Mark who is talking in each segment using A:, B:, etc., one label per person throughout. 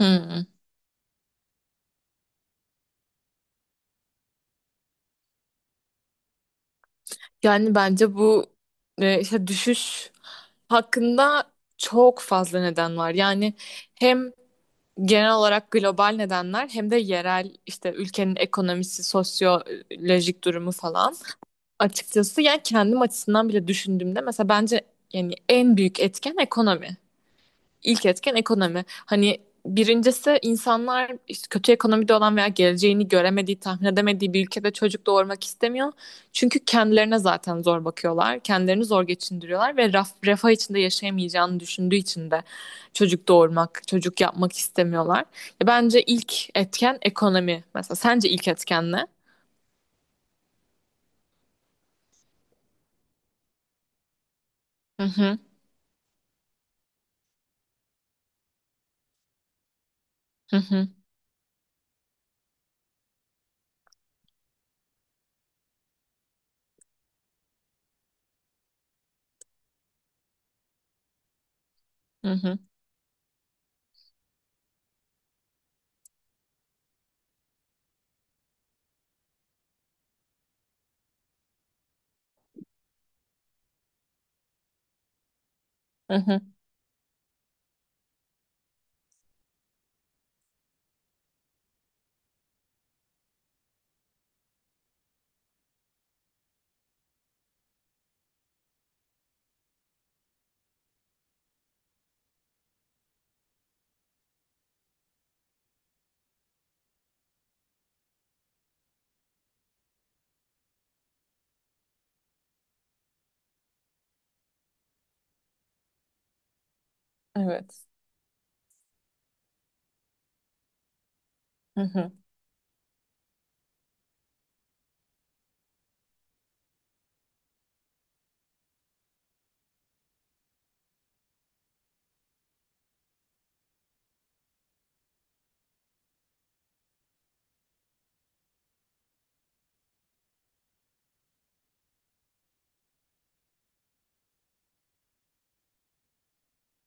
A: Hmm. Yani bence bu işte düşüş hakkında çok fazla neden var. Yani hem genel olarak global nedenler hem de yerel işte ülkenin ekonomisi, sosyolojik durumu falan. Açıkçası yani kendim açısından bile düşündüğümde mesela bence yani en büyük etken ekonomi. İlk etken ekonomi. Hani birincisi insanlar işte kötü ekonomide olan veya geleceğini göremediği, tahmin edemediği bir ülkede çocuk doğurmak istemiyor. Çünkü kendilerine zaten zor bakıyorlar. Kendilerini zor geçindiriyorlar ve refah içinde yaşayamayacağını düşündüğü için de çocuk doğurmak, çocuk yapmak istemiyorlar. Ya bence ilk etken ekonomi. Mesela sence ilk etken ne? Hı hı, hı hı, hı hı, hı hı. Evet. Hı hı,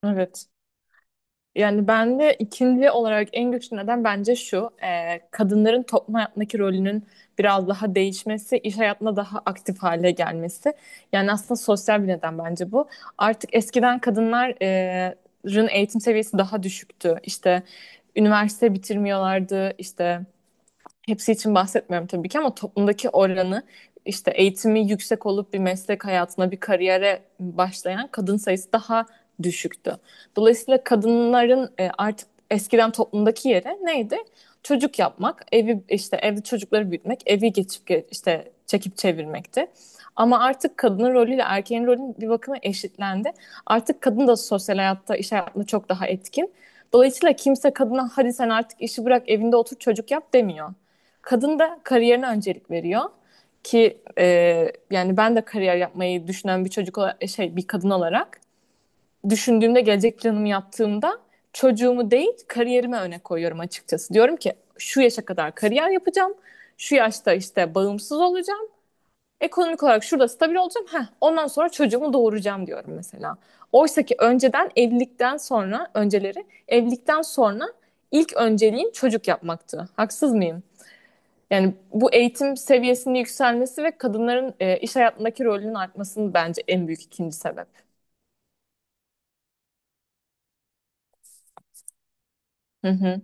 A: evet. Yani ben de ikinci olarak en güçlü neden bence şu. Kadınların toplum hayatındaki rolünün biraz daha değişmesi, iş hayatına daha aktif hale gelmesi. Yani aslında sosyal bir neden bence bu. Artık eskiden kadınların eğitim seviyesi daha düşüktü. İşte üniversite bitirmiyorlardı, işte hepsi için bahsetmiyorum tabii ki ama toplumdaki oranı işte eğitimi yüksek olup bir meslek hayatına, bir kariyere başlayan kadın sayısı daha düşüktü. Dolayısıyla kadınların artık eskiden toplumdaki yeri neydi? Çocuk yapmak, evi işte evde çocukları büyütmek, işte çekip çevirmekti. Ama artık kadının rolüyle erkeğin rolü bir bakıma eşitlendi. Artık kadın da sosyal hayatta, iş hayatında çok daha etkin. Dolayısıyla kimse kadına hadi sen artık işi bırak, evinde otur çocuk yap demiyor. Kadın da kariyerine öncelik veriyor ki yani ben de kariyer yapmayı düşünen bir çocuk olarak, bir kadın olarak düşündüğümde gelecek planımı yaptığımda çocuğumu değil kariyerime öne koyuyorum açıkçası. Diyorum ki şu yaşa kadar kariyer yapacağım. Şu yaşta işte bağımsız olacağım. Ekonomik olarak şurada stabil olacağım. Heh, ondan sonra çocuğumu doğuracağım diyorum mesela. Oysa ki önceden evlilikten sonra önceleri evlilikten sonra ilk önceliğim çocuk yapmaktı. Haksız mıyım? Yani bu eğitim seviyesinin yükselmesi ve kadınların iş hayatındaki rolünün artmasının bence en büyük ikinci sebep. Hı hı.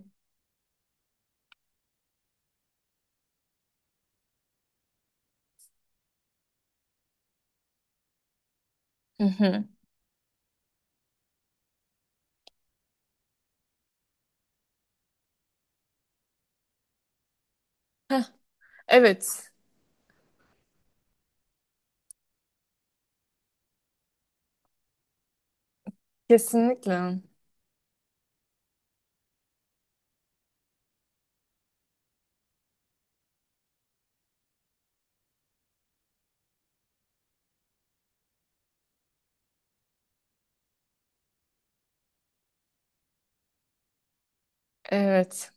A: Hı hı. Heh, evet. Kesinlikle. Evet.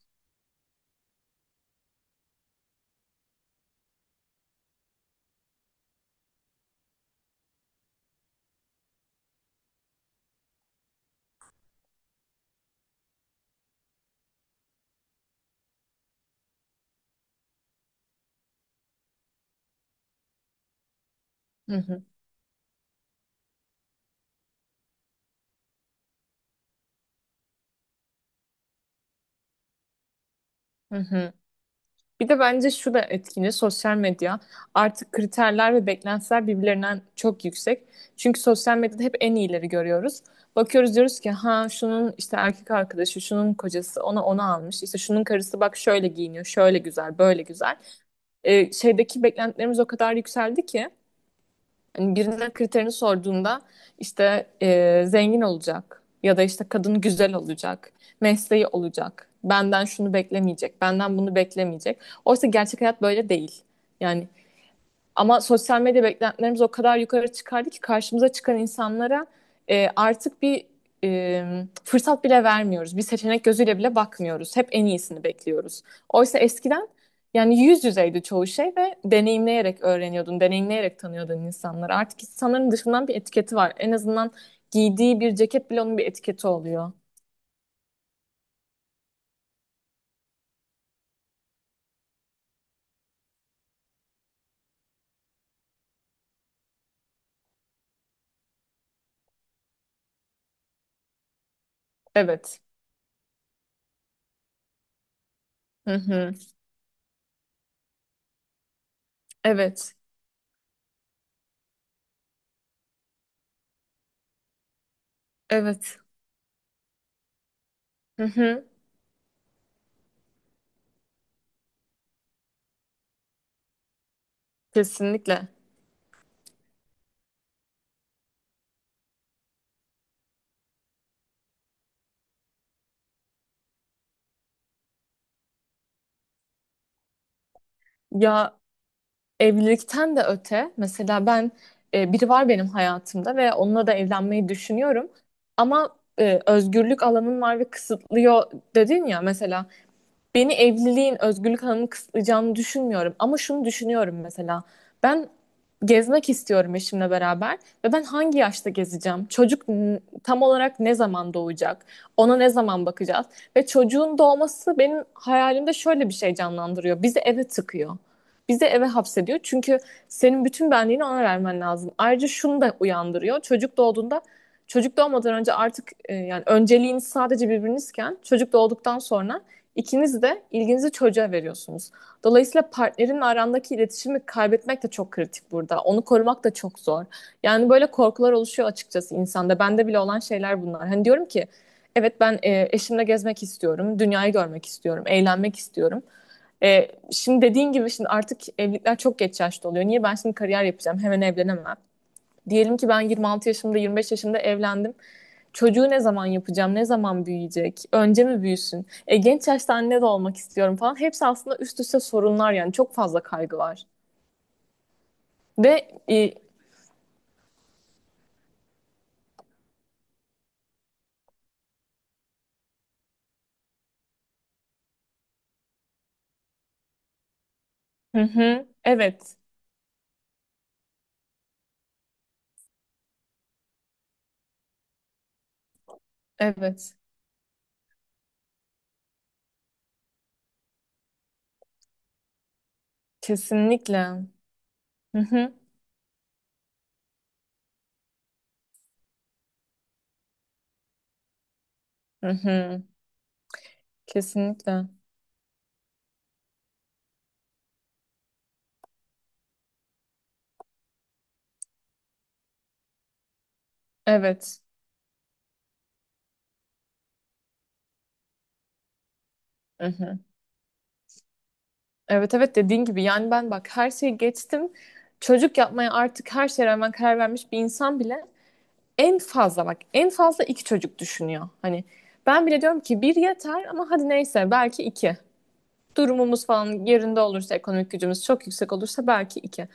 A: Hı hı. Hı hı. Bir de bence şu da etkili, sosyal medya. Artık kriterler ve beklentiler birbirlerinden çok yüksek. Çünkü sosyal medyada hep en iyileri görüyoruz. Bakıyoruz diyoruz ki ha şunun işte erkek arkadaşı, şunun kocası ona onu almış. İşte şunun karısı bak şöyle giyiniyor, şöyle güzel, böyle güzel. Şeydeki beklentilerimiz o kadar yükseldi ki hani birine kriterini sorduğunda işte zengin olacak ya da işte kadın güzel olacak, mesleği olacak, benden şunu beklemeyecek, benden bunu beklemeyecek. Oysa gerçek hayat böyle değil. Yani ama sosyal medya beklentilerimiz o kadar yukarı çıkardı ki karşımıza çıkan insanlara artık bir e, fırsat bile vermiyoruz. Bir seçenek gözüyle bile bakmıyoruz. Hep en iyisini bekliyoruz. Oysa eskiden yani yüz yüzeydi çoğu şey ve deneyimleyerek öğreniyordun, deneyimleyerek tanıyordun insanları. Artık insanların dışından bir etiketi var. En azından giydiği bir ceket bile onun bir etiketi oluyor. Evet. Hı hı. Evet. Evet. Hı hı. Kesinlikle. Ya, evlilikten de öte mesela ben biri var benim hayatımda ve onunla da evlenmeyi düşünüyorum. Ama özgürlük alanın var ve kısıtlıyor dedin ya, mesela beni evliliğin özgürlük alanını kısıtlayacağını düşünmüyorum. Ama şunu düşünüyorum mesela. Ben gezmek istiyorum eşimle beraber ve ben hangi yaşta gezeceğim? Çocuk tam olarak ne zaman doğacak? Ona ne zaman bakacağız? Ve çocuğun doğması benim hayalimde şöyle bir şey canlandırıyor. Bizi eve tıkıyor. Bizi eve hapsediyor. Çünkü senin bütün benliğini ona vermen lazım. Ayrıca şunu da uyandırıyor. Çocuk doğmadan önce artık yani önceliğiniz sadece birbirinizken çocuk doğduktan sonra İkiniz de ilginizi çocuğa veriyorsunuz. Dolayısıyla partnerin arandaki iletişimi kaybetmek de çok kritik burada. Onu korumak da çok zor. Yani böyle korkular oluşuyor açıkçası insanda. Bende bile olan şeyler bunlar. Hani diyorum ki evet ben eşimle gezmek istiyorum, dünyayı görmek istiyorum, eğlenmek istiyorum. Şimdi dediğin gibi şimdi artık evlilikler çok geç yaşta oluyor. Niye ben şimdi kariyer yapacağım, hemen evlenemem. Diyelim ki ben 26 yaşımda, 25 yaşımda evlendim, çocuğu ne zaman yapacağım, ne zaman büyüyecek, önce mi büyüsün, genç yaşta anne de olmak istiyorum falan. Hepsi aslında üst üste sorunlar, yani çok fazla kaygı var. Ve e, hı hı, evet, evet, kesinlikle. Hı hı, hı hı, kesinlikle. Evet. Hı hı. Evet, evet, dediğin gibi yani ben bak her şeyi geçtim. Çocuk yapmaya artık her şeye rağmen karar vermiş bir insan bile en fazla, bak, en fazla iki çocuk düşünüyor. Hani ben bile diyorum ki bir yeter ama hadi neyse belki iki. Durumumuz falan yerinde olursa, ekonomik gücümüz çok yüksek olursa belki iki.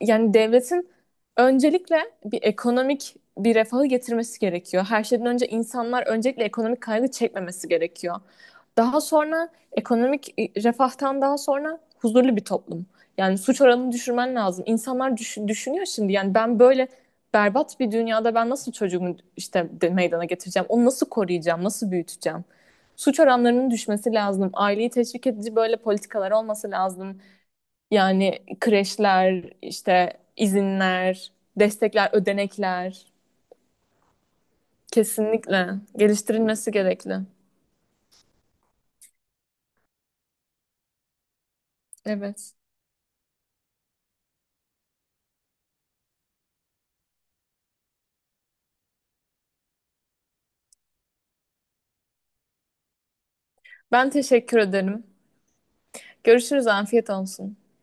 A: Yani devletin öncelikle bir ekonomik bir refahı getirmesi gerekiyor. Her şeyden önce insanlar öncelikle ekonomik kaygı çekmemesi gerekiyor. Daha sonra ekonomik refahtan daha sonra huzurlu bir toplum. Yani suç oranını düşürmen lazım. İnsanlar düşünüyor şimdi yani ben böyle berbat bir dünyada ben nasıl çocuğumu işte meydana getireceğim? Onu nasıl koruyacağım? Nasıl büyüteceğim? Suç oranlarının düşmesi lazım. Aileyi teşvik edici böyle politikalar olması lazım. Yani kreşler, işte izinler, destekler, ödenekler kesinlikle geliştirilmesi gerekli. Evet. Ben teşekkür ederim. Görüşürüz. Afiyet olsun.